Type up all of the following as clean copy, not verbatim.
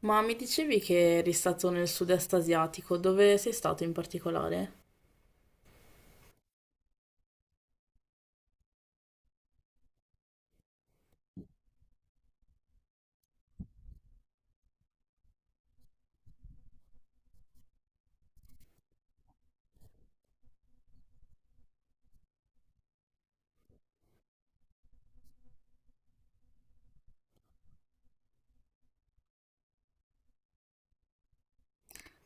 Ma mi dicevi che eri stato nel sud-est asiatico, dove sei stato in particolare?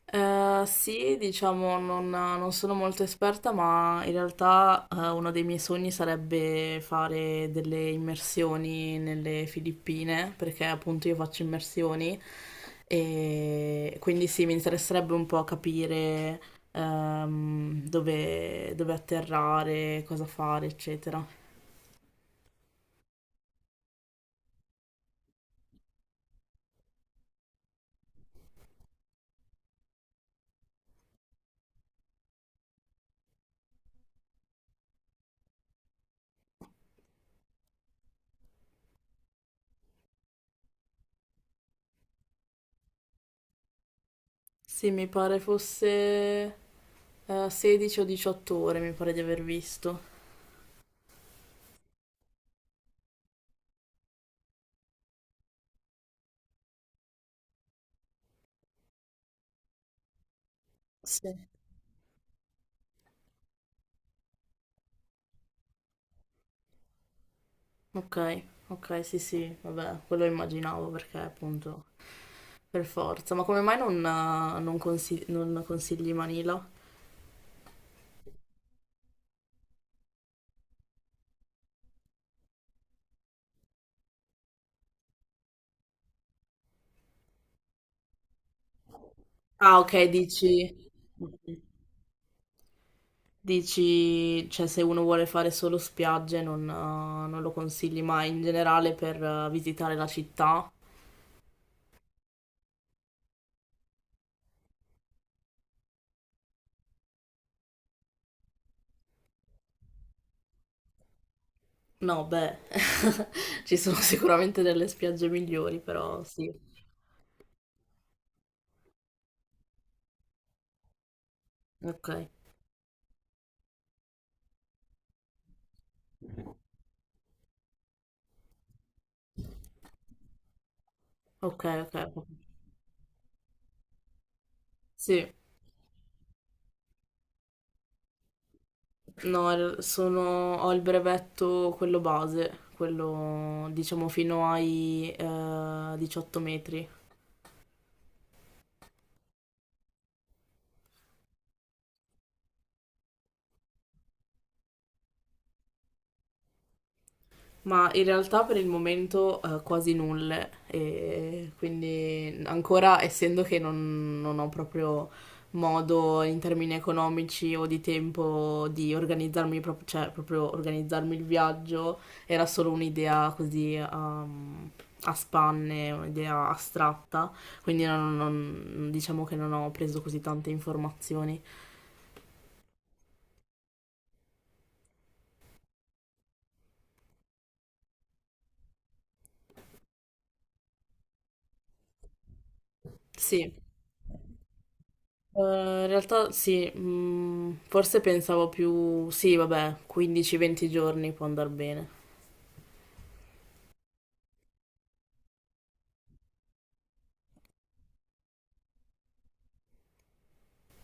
Sì, diciamo, non sono molto esperta, ma in realtà uno dei miei sogni sarebbe fare delle immersioni nelle Filippine, perché appunto io faccio immersioni e quindi sì, mi interesserebbe un po' capire dove atterrare, cosa fare, eccetera. Sì, mi pare fosse. 16 o 18 ore mi pare di aver visto. Sì. Ok, ok, sì, sì, vabbè, quello immaginavo perché appunto per forza. Ma come mai non consigli Manila? Ah, ok, dici, cioè se uno vuole fare solo spiagge non lo consigli mai in generale per visitare la città? No, beh, ci sono sicuramente delle spiagge migliori, però sì. Ok, ok, ok. Sì. No, ho il brevetto, quello base, quello diciamo fino ai 18 metri. Ma in realtà per il momento quasi nulle, e quindi ancora essendo che non ho proprio modo in termini economici o di tempo di organizzarmi, cioè proprio organizzarmi il viaggio, era solo un'idea così a spanne, un'idea astratta, quindi diciamo che non ho preso così tante informazioni. Sì. In realtà sì, forse pensavo più, sì, vabbè, 15-20 giorni può andare bene.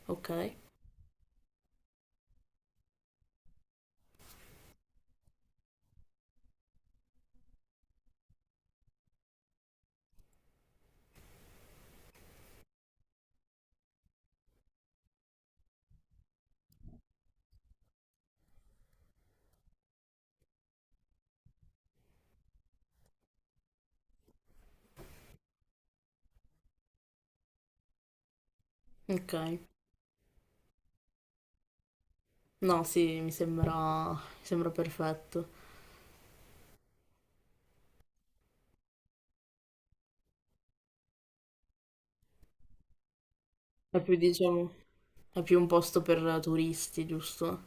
Ok, ok. No, sì, mi sembra perfetto. È più, diciamo, è più un posto per turisti, giusto?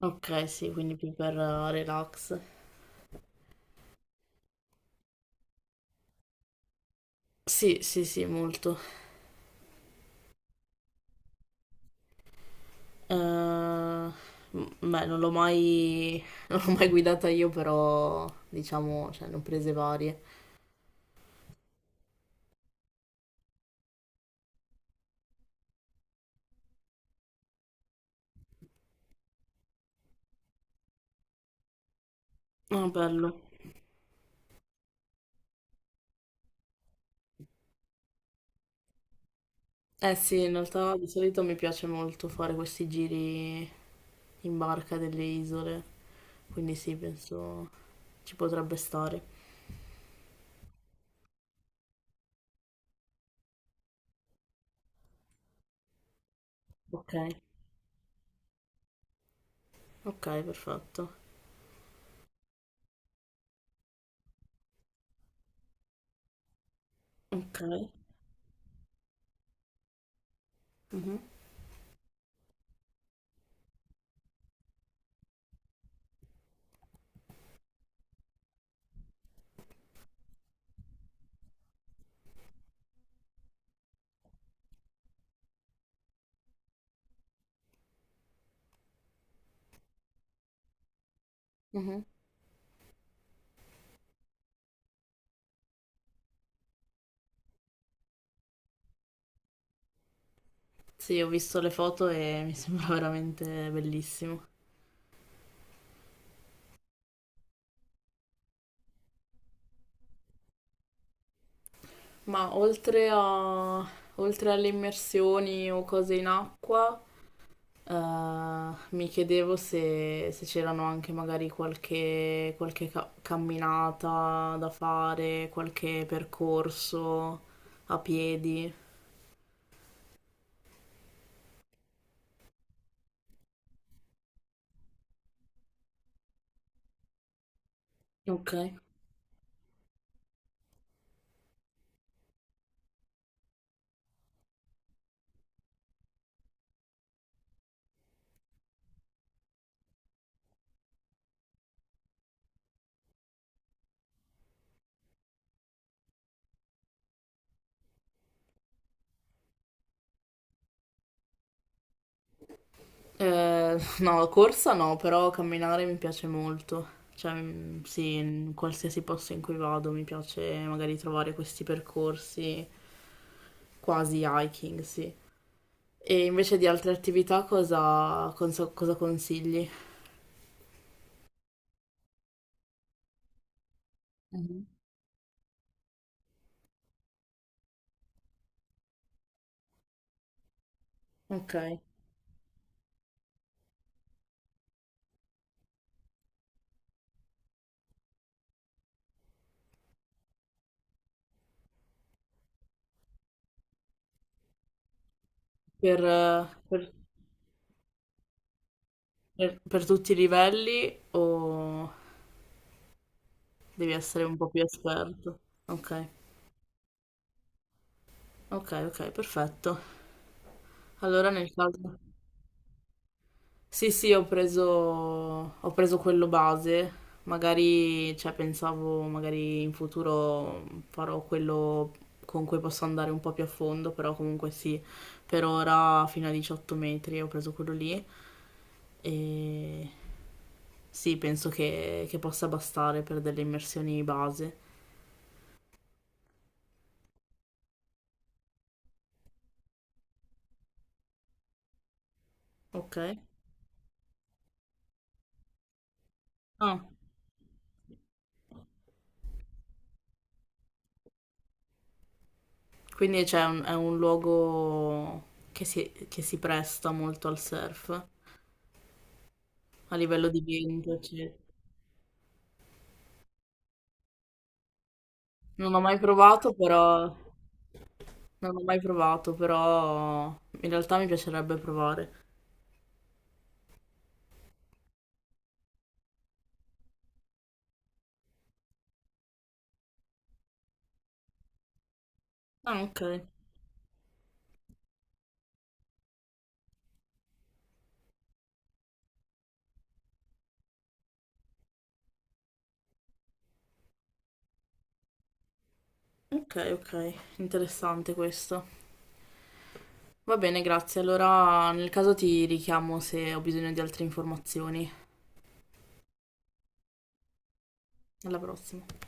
Ok, sì, quindi più per relax. Sì, sì, sì, molto. Eh, m- beh, non l'ho mai, non l'ho mai guidata io, però, diciamo, cioè, ne ho prese varie. Ah, bello. Eh sì, in realtà di solito mi piace molto fare questi giri in barca delle isole, quindi sì, penso ci potrebbe stare. Ok, ok, perfetto. Ok. Mhm, mhm. Sì, ho visto le foto e mi sembra veramente bellissimo. Ma oltre alle immersioni o cose in acqua. Mi chiedevo se c'erano anche magari qualche camminata da fare, qualche percorso a piedi. Ok. No, corsa no, però camminare mi piace molto. Cioè, sì, in qualsiasi posto in cui vado mi piace magari trovare questi percorsi quasi hiking, sì. E invece di altre attività cosa consigli? Mhm. Ok. Per, eh, per- per tutti i livelli o devi essere un po' più esperto? Ok, ok, ok, perfetto. Allora nel caso. Sì, sì, ho preso quello base, magari, cioè pensavo magari in futuro farò quello con cui posso andare un po' più a fondo, però comunque sì, per ora fino a 18 metri ho preso quello lì e sì, penso che possa bastare per delle immersioni base. Ok. Ah, quindi c'è è un luogo che si presta molto al surf a livello di vento, eccetera. Non ho mai provato, però non ho mai provato, però in realtà mi piacerebbe provare. Ah, ok, ok, ok, interessante questo. Va bene, grazie. Allora, nel caso ti richiamo se ho bisogno di altre informazioni. Alla prossima.